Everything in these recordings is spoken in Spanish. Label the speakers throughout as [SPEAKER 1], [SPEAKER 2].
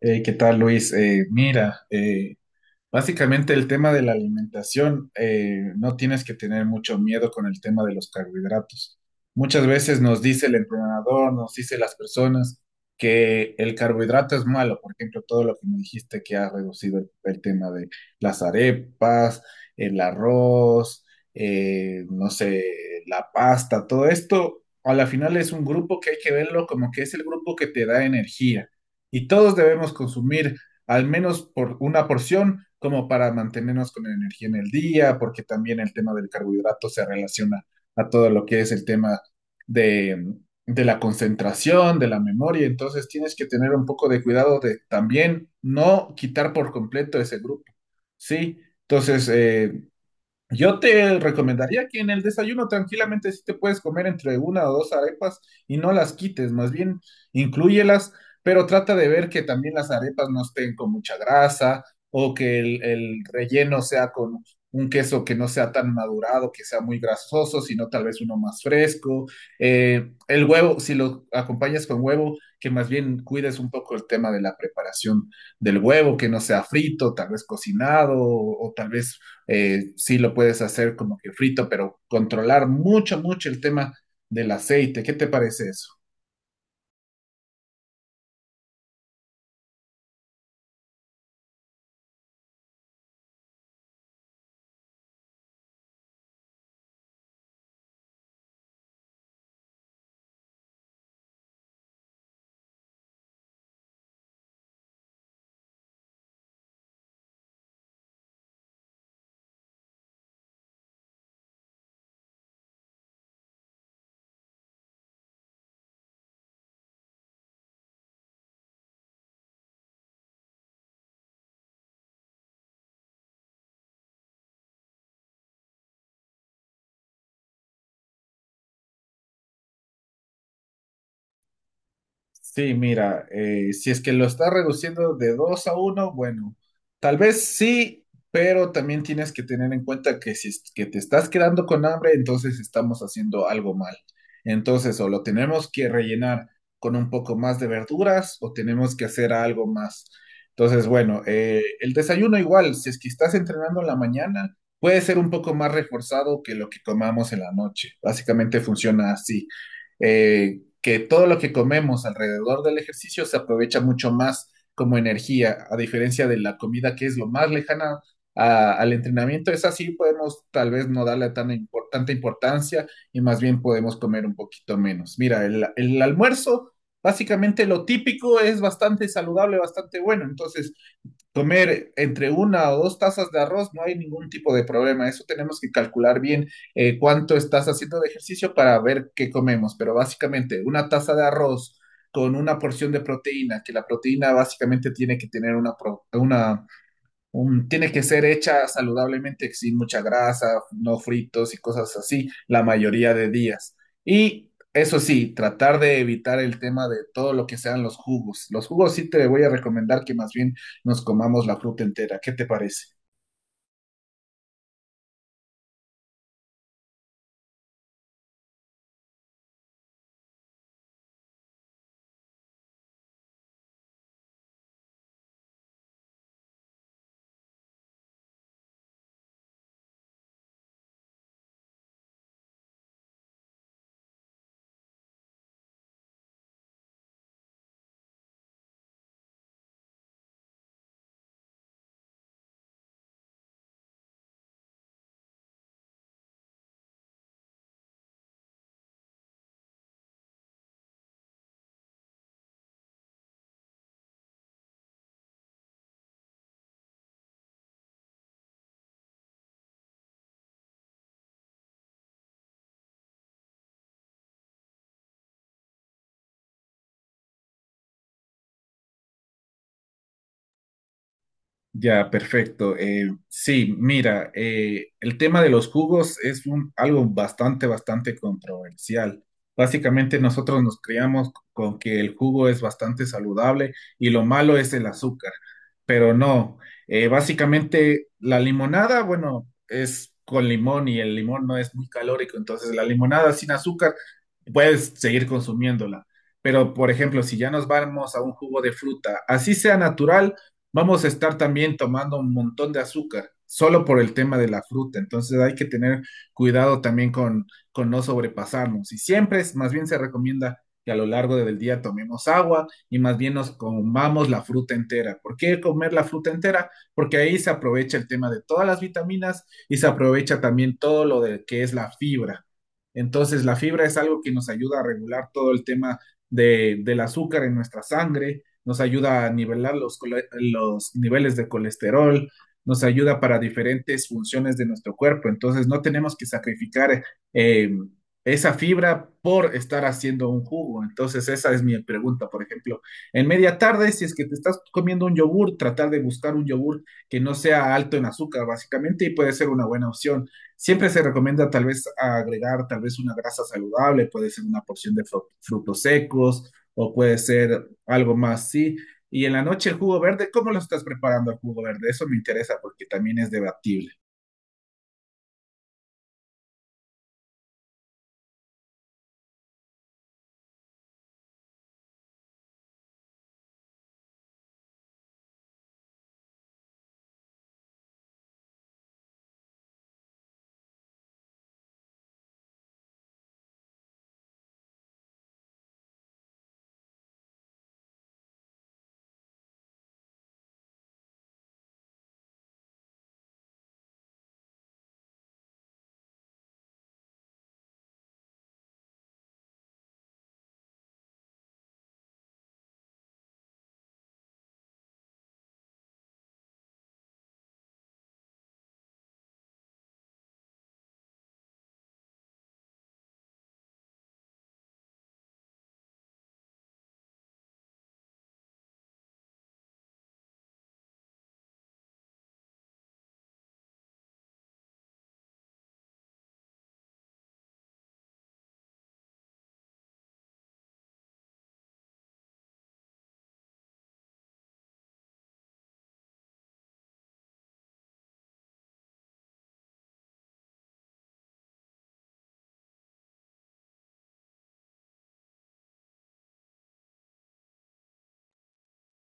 [SPEAKER 1] ¿Qué tal, Luis? Mira, básicamente el tema de la alimentación, no tienes que tener mucho miedo con el tema de los carbohidratos. Muchas veces nos dice el entrenador, nos dice las personas que el carbohidrato es malo. Por ejemplo, todo lo que me dijiste que ha reducido el tema de las arepas, el arroz, no sé, la pasta, todo esto, a la final es un grupo que hay que verlo como que es el grupo que te da energía. Y todos debemos consumir al menos por una porción, como para mantenernos con energía en el día, porque también el tema del carbohidrato se relaciona a todo lo que es el tema de, de la concentración, de la memoria. Entonces tienes que tener un poco de cuidado de también no quitar por completo ese grupo, ¿sí? Entonces, yo te recomendaría que en el desayuno tranquilamente sí te puedes comer entre una o dos arepas y no las quites, más bien inclúyelas, pero trata de ver que también las arepas no estén con mucha grasa o que el relleno sea con un queso que no sea tan madurado, que sea muy grasoso, sino tal vez uno más fresco. El huevo, si lo acompañas con huevo, que más bien cuides un poco el tema de la preparación del huevo, que no sea frito, tal vez cocinado, o tal vez sí lo puedes hacer como que frito, pero controlar mucho, mucho el tema del aceite. ¿Qué te parece eso? Sí, mira, si es que lo estás reduciendo de 2 a uno, bueno, tal vez sí, pero también tienes que tener en cuenta que si es que te estás quedando con hambre, entonces estamos haciendo algo mal. Entonces, o lo tenemos que rellenar con un poco más de verduras o tenemos que hacer algo más. Entonces, bueno, el desayuno igual, si es que estás entrenando en la mañana, puede ser un poco más reforzado que lo que comamos en la noche. Básicamente funciona así. Eh, que todo lo que comemos alrededor del ejercicio se aprovecha mucho más como energía, a diferencia de la comida que es lo más lejana al entrenamiento. Es así, podemos tal vez no darle tan tanta importancia y más bien podemos comer un poquito menos. Mira, el almuerzo, básicamente lo típico es bastante saludable, bastante bueno. Entonces, comer entre una o dos tazas de arroz, no hay ningún tipo de problema. Eso tenemos que calcular bien, cuánto estás haciendo de ejercicio para ver qué comemos. Pero básicamente una taza de arroz con una porción de proteína, que la proteína básicamente tiene que tener una, tiene que ser hecha saludablemente, sin mucha grasa, no fritos y cosas así, la mayoría de días. Y eso sí, tratar de evitar el tema de todo lo que sean los jugos. Los jugos sí te voy a recomendar que más bien nos comamos la fruta entera. ¿Qué te parece? Ya, perfecto. Sí, mira, el tema de los jugos es un, algo bastante, bastante controversial. Básicamente nosotros nos criamos con que el jugo es bastante saludable y lo malo es el azúcar, pero no. Básicamente la limonada, bueno, es con limón y el limón no es muy calórico, entonces la limonada sin azúcar puedes seguir consumiéndola. Pero, por ejemplo, si ya nos vamos a un jugo de fruta, así sea natural, vamos a estar también tomando un montón de azúcar, solo por el tema de la fruta. Entonces hay que tener cuidado también con no sobrepasarnos. Y siempre, más bien se recomienda que a lo largo del día tomemos agua y más bien nos comamos la fruta entera. ¿Por qué comer la fruta entera? Porque ahí se aprovecha el tema de todas las vitaminas y se aprovecha también todo lo de que es la fibra. Entonces, la fibra es algo que nos ayuda a regular todo el tema de, del azúcar en nuestra sangre, nos ayuda a nivelar los, los niveles de colesterol, nos ayuda para diferentes funciones de nuestro cuerpo. Entonces, no tenemos que sacrificar eh, esa fibra por estar haciendo un jugo. Entonces, esa es mi pregunta, por ejemplo. En media tarde, si es que te estás comiendo un yogur, tratar de buscar un yogur que no sea alto en azúcar, básicamente, y puede ser una buena opción. Siempre se recomienda tal vez agregar tal vez una grasa saludable, puede ser una porción de frutos secos o puede ser algo más, sí. Y en la noche el jugo verde, ¿cómo lo estás preparando el jugo verde? Eso me interesa porque también es debatible.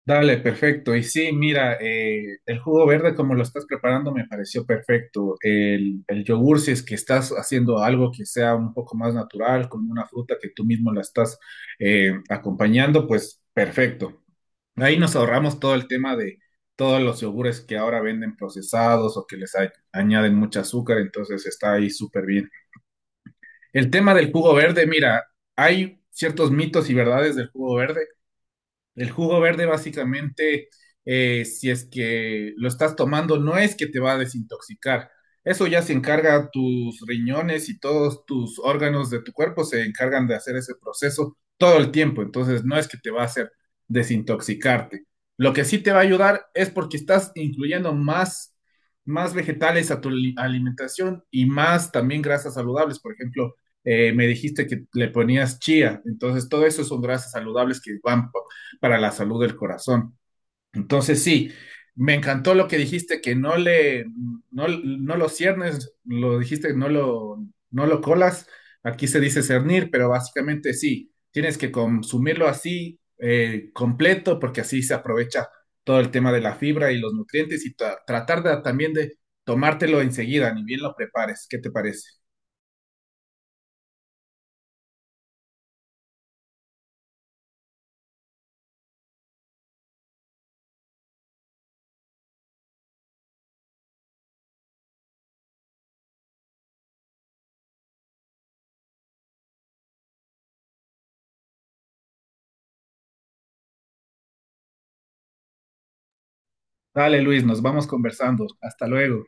[SPEAKER 1] Dale, perfecto. Y sí, mira, el jugo verde como lo estás preparando me pareció perfecto. El yogur, si es que estás haciendo algo que sea un poco más natural, con una fruta que tú mismo la estás acompañando, pues perfecto. Ahí nos ahorramos todo el tema de todos los yogures que ahora venden procesados o que les añaden mucho azúcar, entonces está ahí súper bien. El tema del jugo verde, mira, hay ciertos mitos y verdades del jugo verde, el jugo verde básicamente, si es que lo estás tomando, no es que te va a desintoxicar. Eso ya se encarga tus riñones y todos tus órganos de tu cuerpo se encargan de hacer ese proceso todo el tiempo. Entonces no es que te va a hacer desintoxicarte. Lo que sí te va a ayudar es porque estás incluyendo más, más vegetales a tu alimentación y más también grasas saludables. Por ejemplo, me dijiste que le ponías chía, entonces todo eso son grasas saludables que van para la salud del corazón. Entonces, sí, me encantó lo que dijiste, que no le, no, no lo ciernes, lo dijiste, no lo, no lo colas. Aquí se dice cernir, pero básicamente sí, tienes que consumirlo así, completo, porque así se aprovecha todo el tema de la fibra y los nutrientes y tratar de, también de tomártelo enseguida, ni bien lo prepares. ¿Qué te parece? Dale, Luis, nos vamos conversando. Hasta luego.